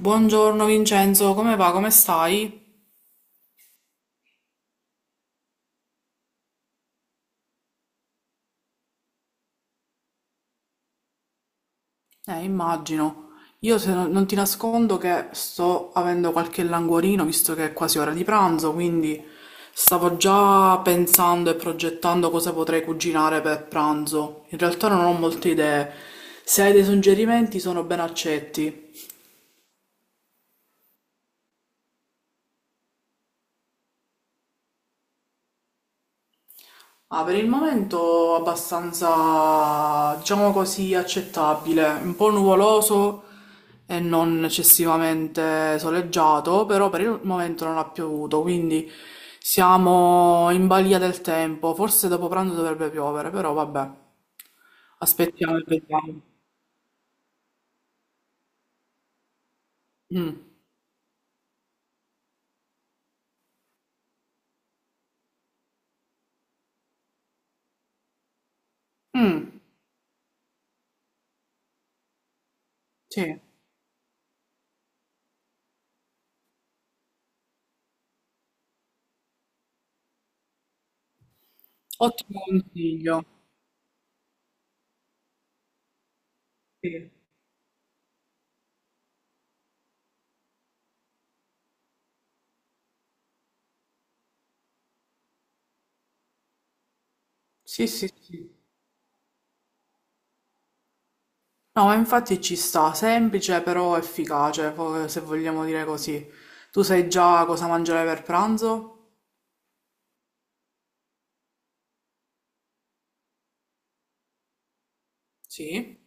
Buongiorno Vincenzo, come va? Come stai? Immagino. Io se no- Non ti nascondo che sto avendo qualche languorino, visto che è quasi ora di pranzo, quindi stavo già pensando e progettando cosa potrei cucinare per pranzo. In realtà non ho molte idee. Se hai dei suggerimenti sono ben accetti. Ah, per il momento abbastanza, diciamo così, accettabile, un po' nuvoloso e non eccessivamente soleggiato, però per il momento non ha piovuto, quindi siamo in balia del tempo, forse dopo pranzo dovrebbe piovere, però vabbè, aspettiamo e vediamo. Mm. Mm, sì, ottimo consiglio. Sì, sì, sì, sì. No, ma infatti ci sta, semplice però efficace, se vogliamo dire così. Tu sai già cosa mangiare per pranzo? Sì.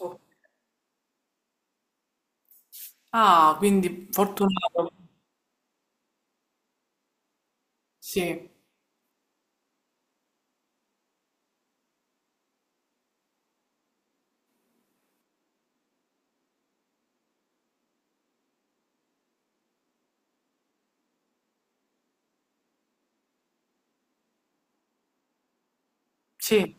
Oh. Ah, quindi fortunato. Sì, sì.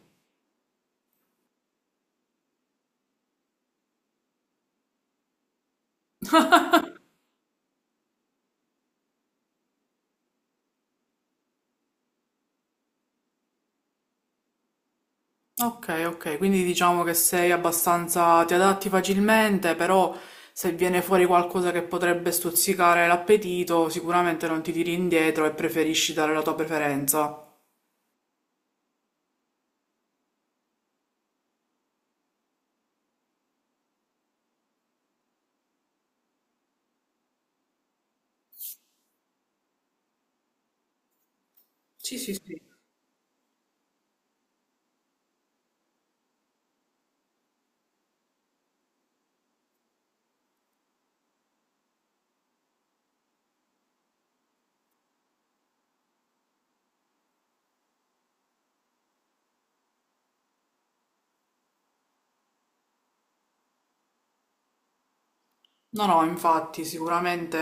Ok, ok, quindi diciamo che sei abbastanza, ti adatti facilmente, però se viene fuori qualcosa che potrebbe stuzzicare l'appetito, sicuramente non ti tiri indietro e preferisci dare la tua preferenza. Sì, sì, sì. No, no, infatti, sicuramente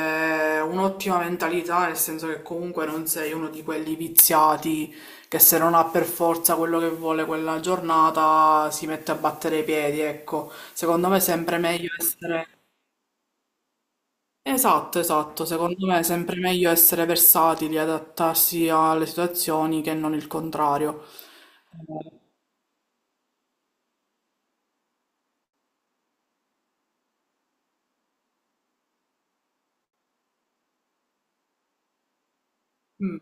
è un'ottima mentalità, nel senso che comunque non sei uno di quelli viziati che se non ha per forza quello che vuole quella giornata si mette a battere i piedi, ecco. Secondo me è sempre meglio essere... Esatto, esatto, secondo me è sempre meglio essere versatili, adattarsi alle situazioni che non il contrario. Eh, mm,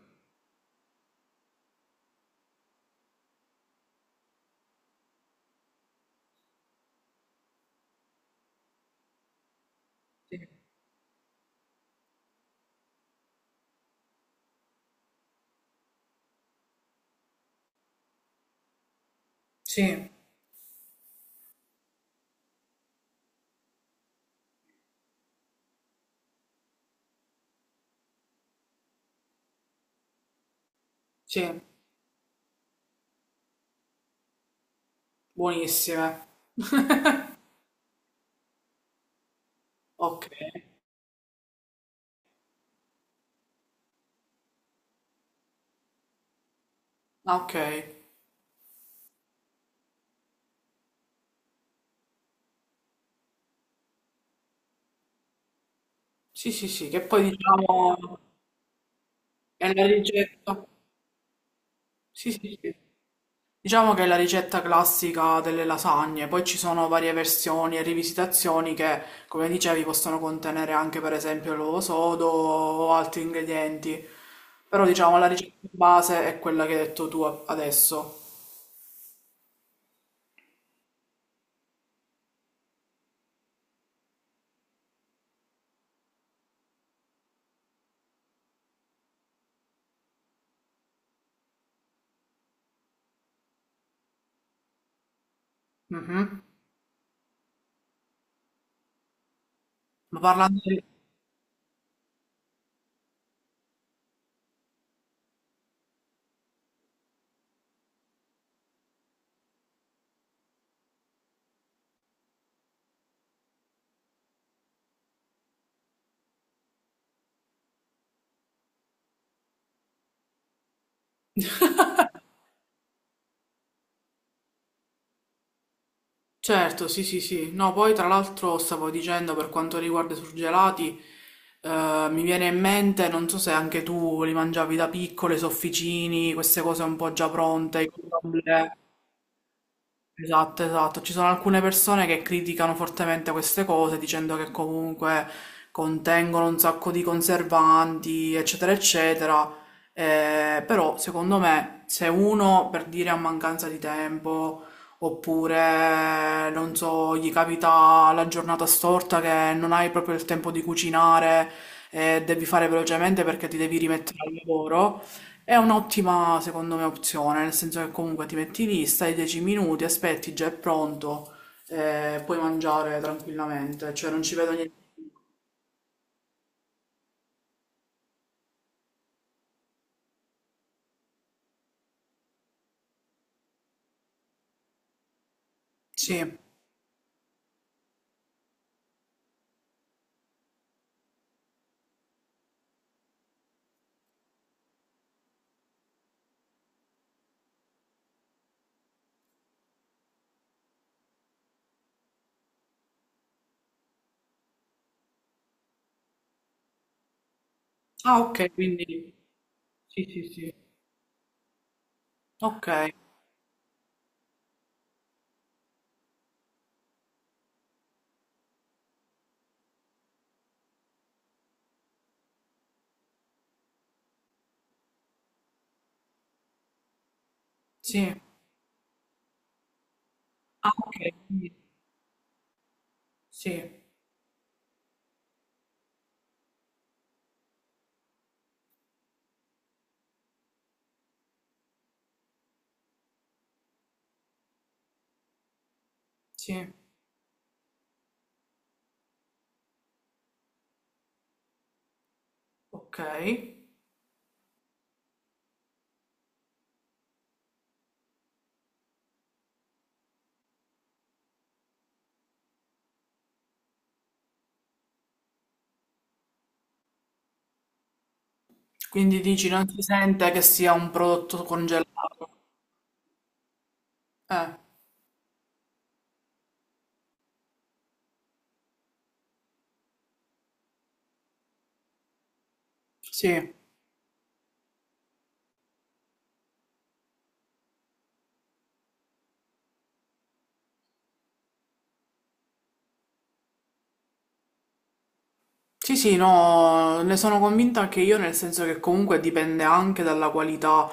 sì, sì, sì, buonissime. Ok, ah, ok. Sì, sì, sì, che poi diciamo... È la ricetta, sì, sì, sì. Diciamo che è la ricetta classica delle lasagne, poi ci sono varie versioni e rivisitazioni che, come dicevi, possono contenere anche per esempio l'uovo sodo o altri ingredienti, però diciamo la ricetta base è quella che hai detto tu adesso. Mhm. Ma parlando di certo, sì, sì, sì. No, poi tra l'altro stavo dicendo per quanto riguarda i surgelati, mi viene in mente, non so se anche tu li mangiavi da piccole, i sofficini, queste cose un po' già pronte, i crumble. Esatto, esatto. Ci sono alcune persone che criticano fortemente queste cose dicendo che comunque contengono un sacco di conservanti, eccetera, eccetera. Però secondo me se uno per dire a mancanza di tempo oppure non so, gli capita la giornata storta che non hai proprio il tempo di cucinare e devi fare velocemente perché ti devi rimettere al lavoro. È un'ottima, secondo me, opzione, nel senso che comunque ti metti lì, stai 10 minuti, aspetti, già è pronto, puoi mangiare tranquillamente, cioè non ci vedo niente. Sì. Ah, ok, quindi... Sì, sì, sì. Ok, sì. Ah, ok, quindi- sì, sì, ok. Quindi dici, non si sente che sia un prodotto congelato. Eh, sì. Sì, sì, no, ne sono convinta anche io, nel senso che comunque dipende anche dalla qualità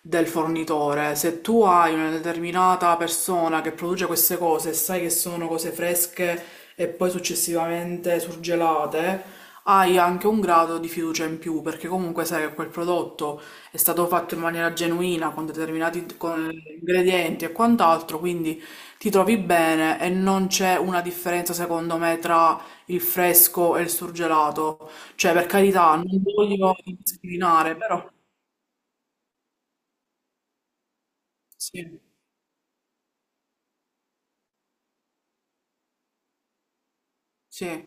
del fornitore. Se tu hai una determinata persona che produce queste cose e sai che sono cose fresche e poi successivamente surgelate, hai anche un grado di fiducia in più, perché comunque sai che quel prodotto è stato fatto in maniera genuina, con determinati con ingredienti e quant'altro, quindi ti trovi bene e non c'è una differenza, secondo me, tra il fresco e il surgelato. Cioè, per carità, non voglio discriminare, però sì, sì,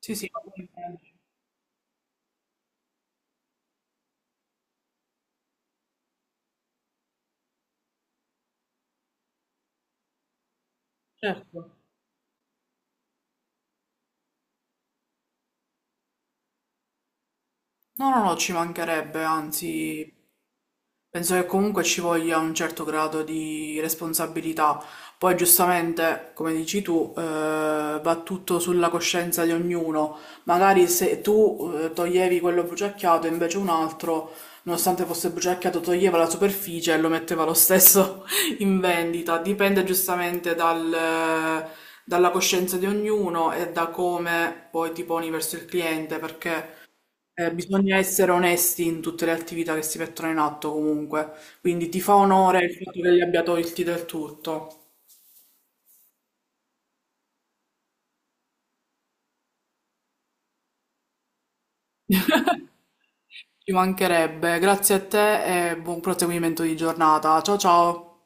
sì, sì, va bene. Certo. No, no, no, ci mancherebbe, anzi, penso che comunque ci voglia un certo grado di responsabilità. Poi giustamente, come dici tu, va tutto sulla coscienza di ognuno. Magari se tu toglievi quello bruciacchiato, invece un altro, nonostante fosse bruciacchiato, toglieva la superficie e lo metteva lo stesso in vendita. Dipende giustamente dalla coscienza di ognuno e da come poi ti poni verso il cliente, perché bisogna essere onesti in tutte le attività che si mettono in atto comunque, quindi ti fa onore il fatto che li abbia tolti del tutto. Ci mancherebbe. Grazie a te e buon proseguimento di giornata. Ciao ciao.